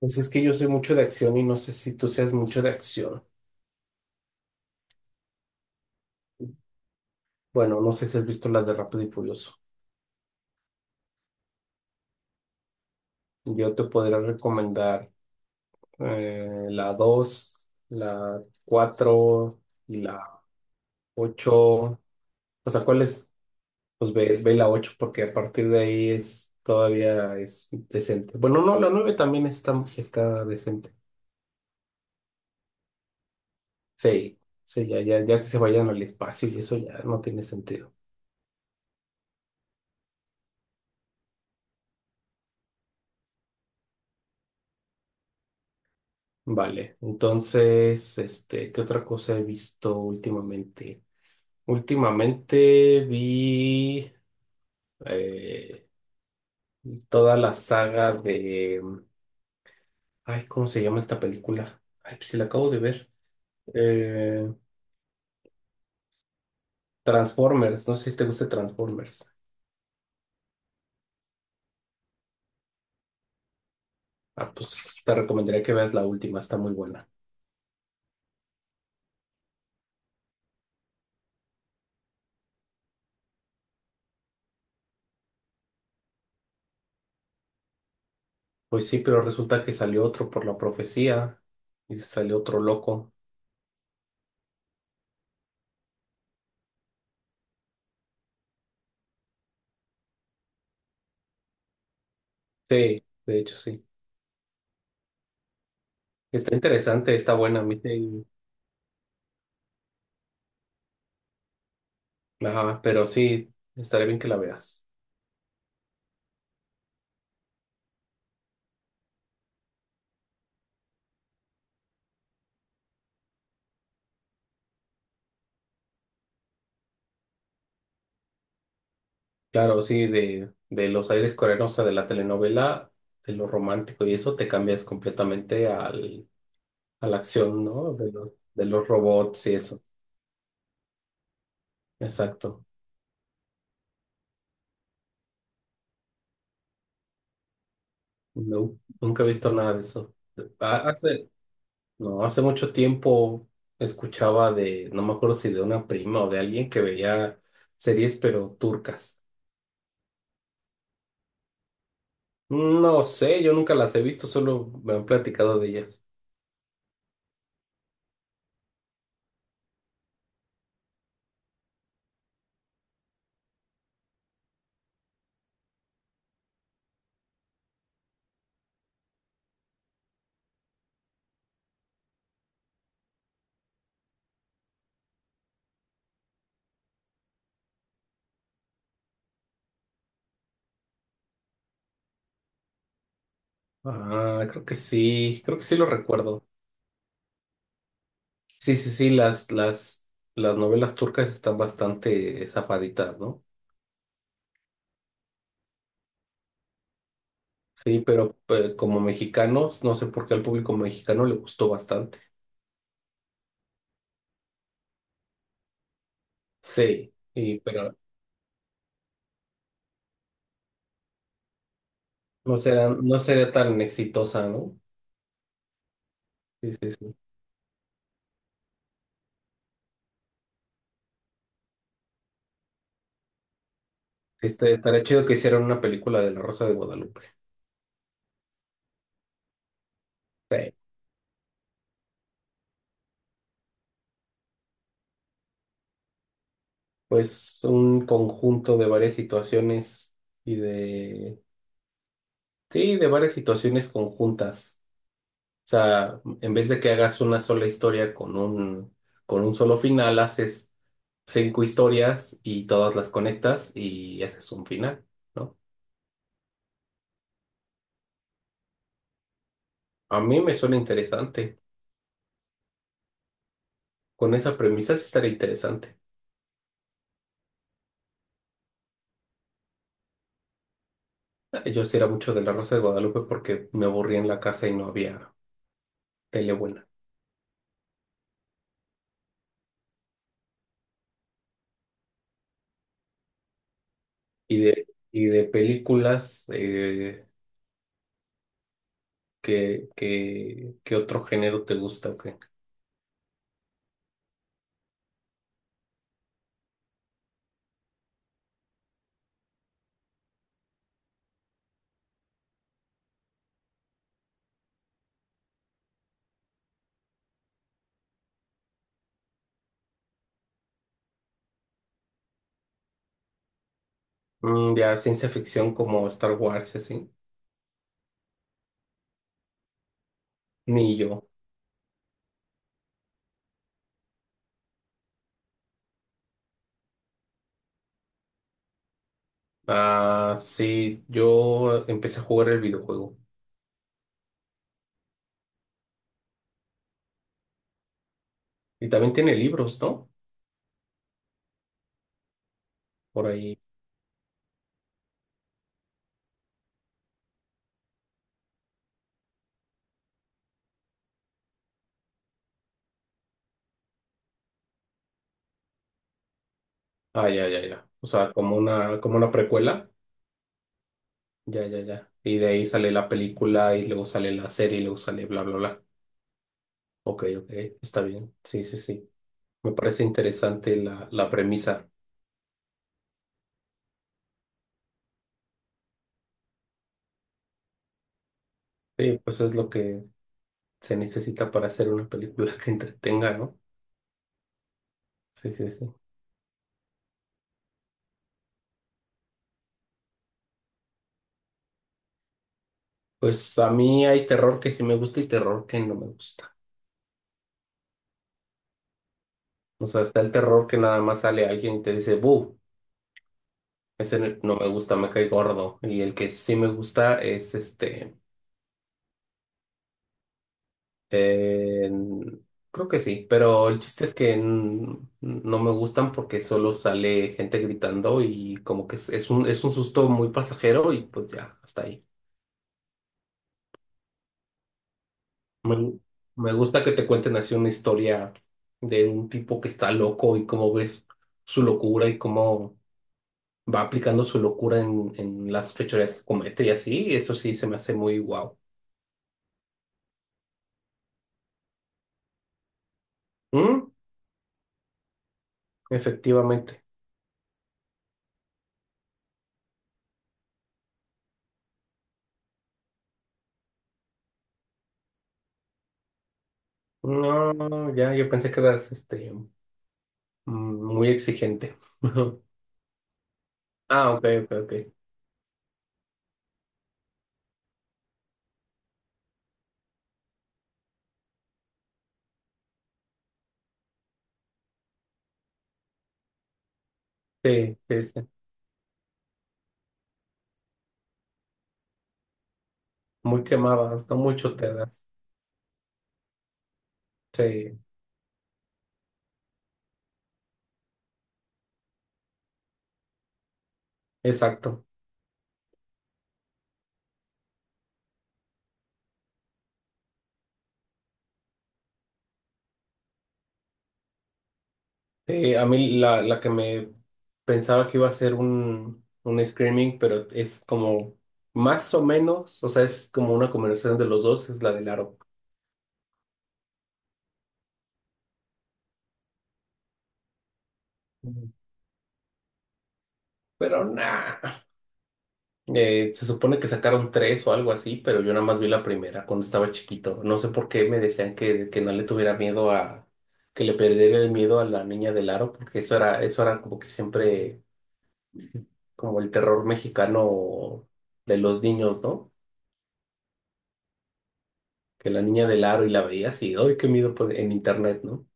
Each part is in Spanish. Pues es que yo soy mucho de acción y no sé si tú seas mucho de acción. Bueno, no sé si has visto las de Rápido y Furioso. Yo te podría recomendar la 2 la 4 y la ocho. O sea, ¿cuál es? Pues ve, ve la 8 porque a partir de ahí es todavía es decente. Bueno, no, la 9 también está, está decente. Sí, sí, ya, ya, ya que se vayan al espacio y eso ya no tiene sentido. Vale, entonces, este, ¿qué otra cosa he visto últimamente? Últimamente vi eh, toda la saga de, ay, ¿cómo se llama esta película? Ay, pues si la acabo de ver. Eh, Transformers, no sé si te gusta Transformers. Ah, pues te recomendaría que veas la última, está muy buena. Pues sí, pero resulta que salió otro por la profecía y salió otro loco. Sí, de hecho sí. Está interesante, está buena, a mí sí. Ajá, pero sí, estaría bien que la veas. Claro, sí, de los aires coreanos, o sea, de la telenovela, de lo romántico y eso te cambias completamente al, a la acción, ¿no? De los robots y eso. Exacto. No, nunca he visto nada de eso. Ha- Hace, no, hace mucho tiempo escuchaba de, no me acuerdo si de una prima o de alguien que veía series, pero turcas. No sé, yo nunca las he visto, solo me han platicado de ellas. Ah, creo que sí lo recuerdo. Sí, sí, sí, las novelas turcas están bastante zafaditas, ¿no? Sí, pero como mexicanos, no sé por qué al público mexicano le gustó bastante. Sí, y, pero no será, no sería tan exitosa, ¿no? Sí, sí, sí. Este, estaría chido que hicieran una película de La Rosa de Guadalupe. Sí, pues un conjunto de varias situaciones y de... Sí, de varias situaciones conjuntas. O sea, en vez de que hagas una sola historia con un solo final, haces cinco historias y todas las conectas y haces un final, ¿no? A mí me suena interesante. Con esa premisa sí estaría interesante. Ah, yo sí era mucho de La Rosa de Guadalupe porque me aburría en la casa y no había tele buena. Y de películas, ¿qué, qué- qué otro género te gusta? ¿O qué? Mm, ya ciencia ficción como Star Wars, y así. Ni yo. Ah, sí, yo empecé a jugar el videojuego. Y también tiene libros, ¿no? Por ahí. Ah, ya, ya, ya. O sea, como una precuela. Ya, ya, ya. Y de ahí sale la película y luego sale la serie y luego sale bla, bla, bla. Ok, ok, está bien. Sí, sí, sí. Me parece interesante la, la premisa. Sí, pues es lo que se necesita para hacer una película que entretenga, ¿no? Sí, sí, sí. Pues a mí hay terror que sí me gusta y terror que no me gusta. O sea, está el terror que nada más sale alguien y te dice, ¡bu! Ese no no me gusta, me cae gordo. Y el que sí me gusta es este. eh, Creo que sí, pero el chiste es que no me gustan porque solo sale gente gritando y como que es un susto muy pasajero y pues ya, hasta ahí. Me, me gusta que te cuenten así una historia de un tipo que está loco y cómo ves su locura y cómo va aplicando su locura en las fechorías que comete y así. Eso sí se me hace muy guau. Mm, efectivamente. No, no, ya, yo pensé que eras este, mm, muy exigente. Ah, ok, ok, ok. Sí, sí, sí. Muy quemadas, no mucho te das. Sí, exacto. Sí, a mí la, la que me pensaba que iba a ser un screaming, pero es como más o menos, o sea, es como una combinación de los dos, es la del aro. Ujú. Pero no. Se supone que sacaron tres o algo así, pero yo nada más vi la primera cuando estaba chiquito. No sé por qué me decían que no le tuviera miedo a, que le perdiera el miedo a la niña del aro, porque eso era como que siempre, como el terror mexicano de los niños, ¿no? Que la niña del aro y la veías y, ¡ay, qué miedo! Por- en internet, ¿no?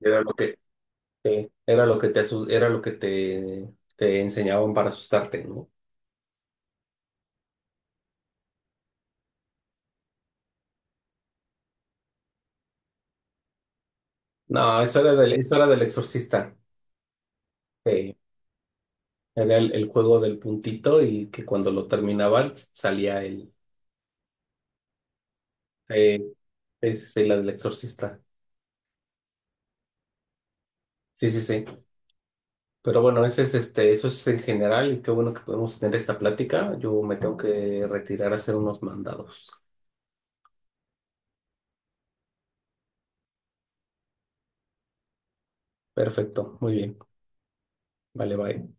Era lo que, era lo que te, era lo que te enseñaban para asustarte, ¿no? No, eso era del exorcista. Sí. Era el juego del puntito y que cuando lo terminaban salía el... Eh, es la del exorcista. Sí, sí, sí. Pero bueno, ese es este, eso es en general y qué bueno que podemos tener esta plática. Yo me tengo que retirar a hacer unos mandados. Perfecto, muy bien. Vale, bye.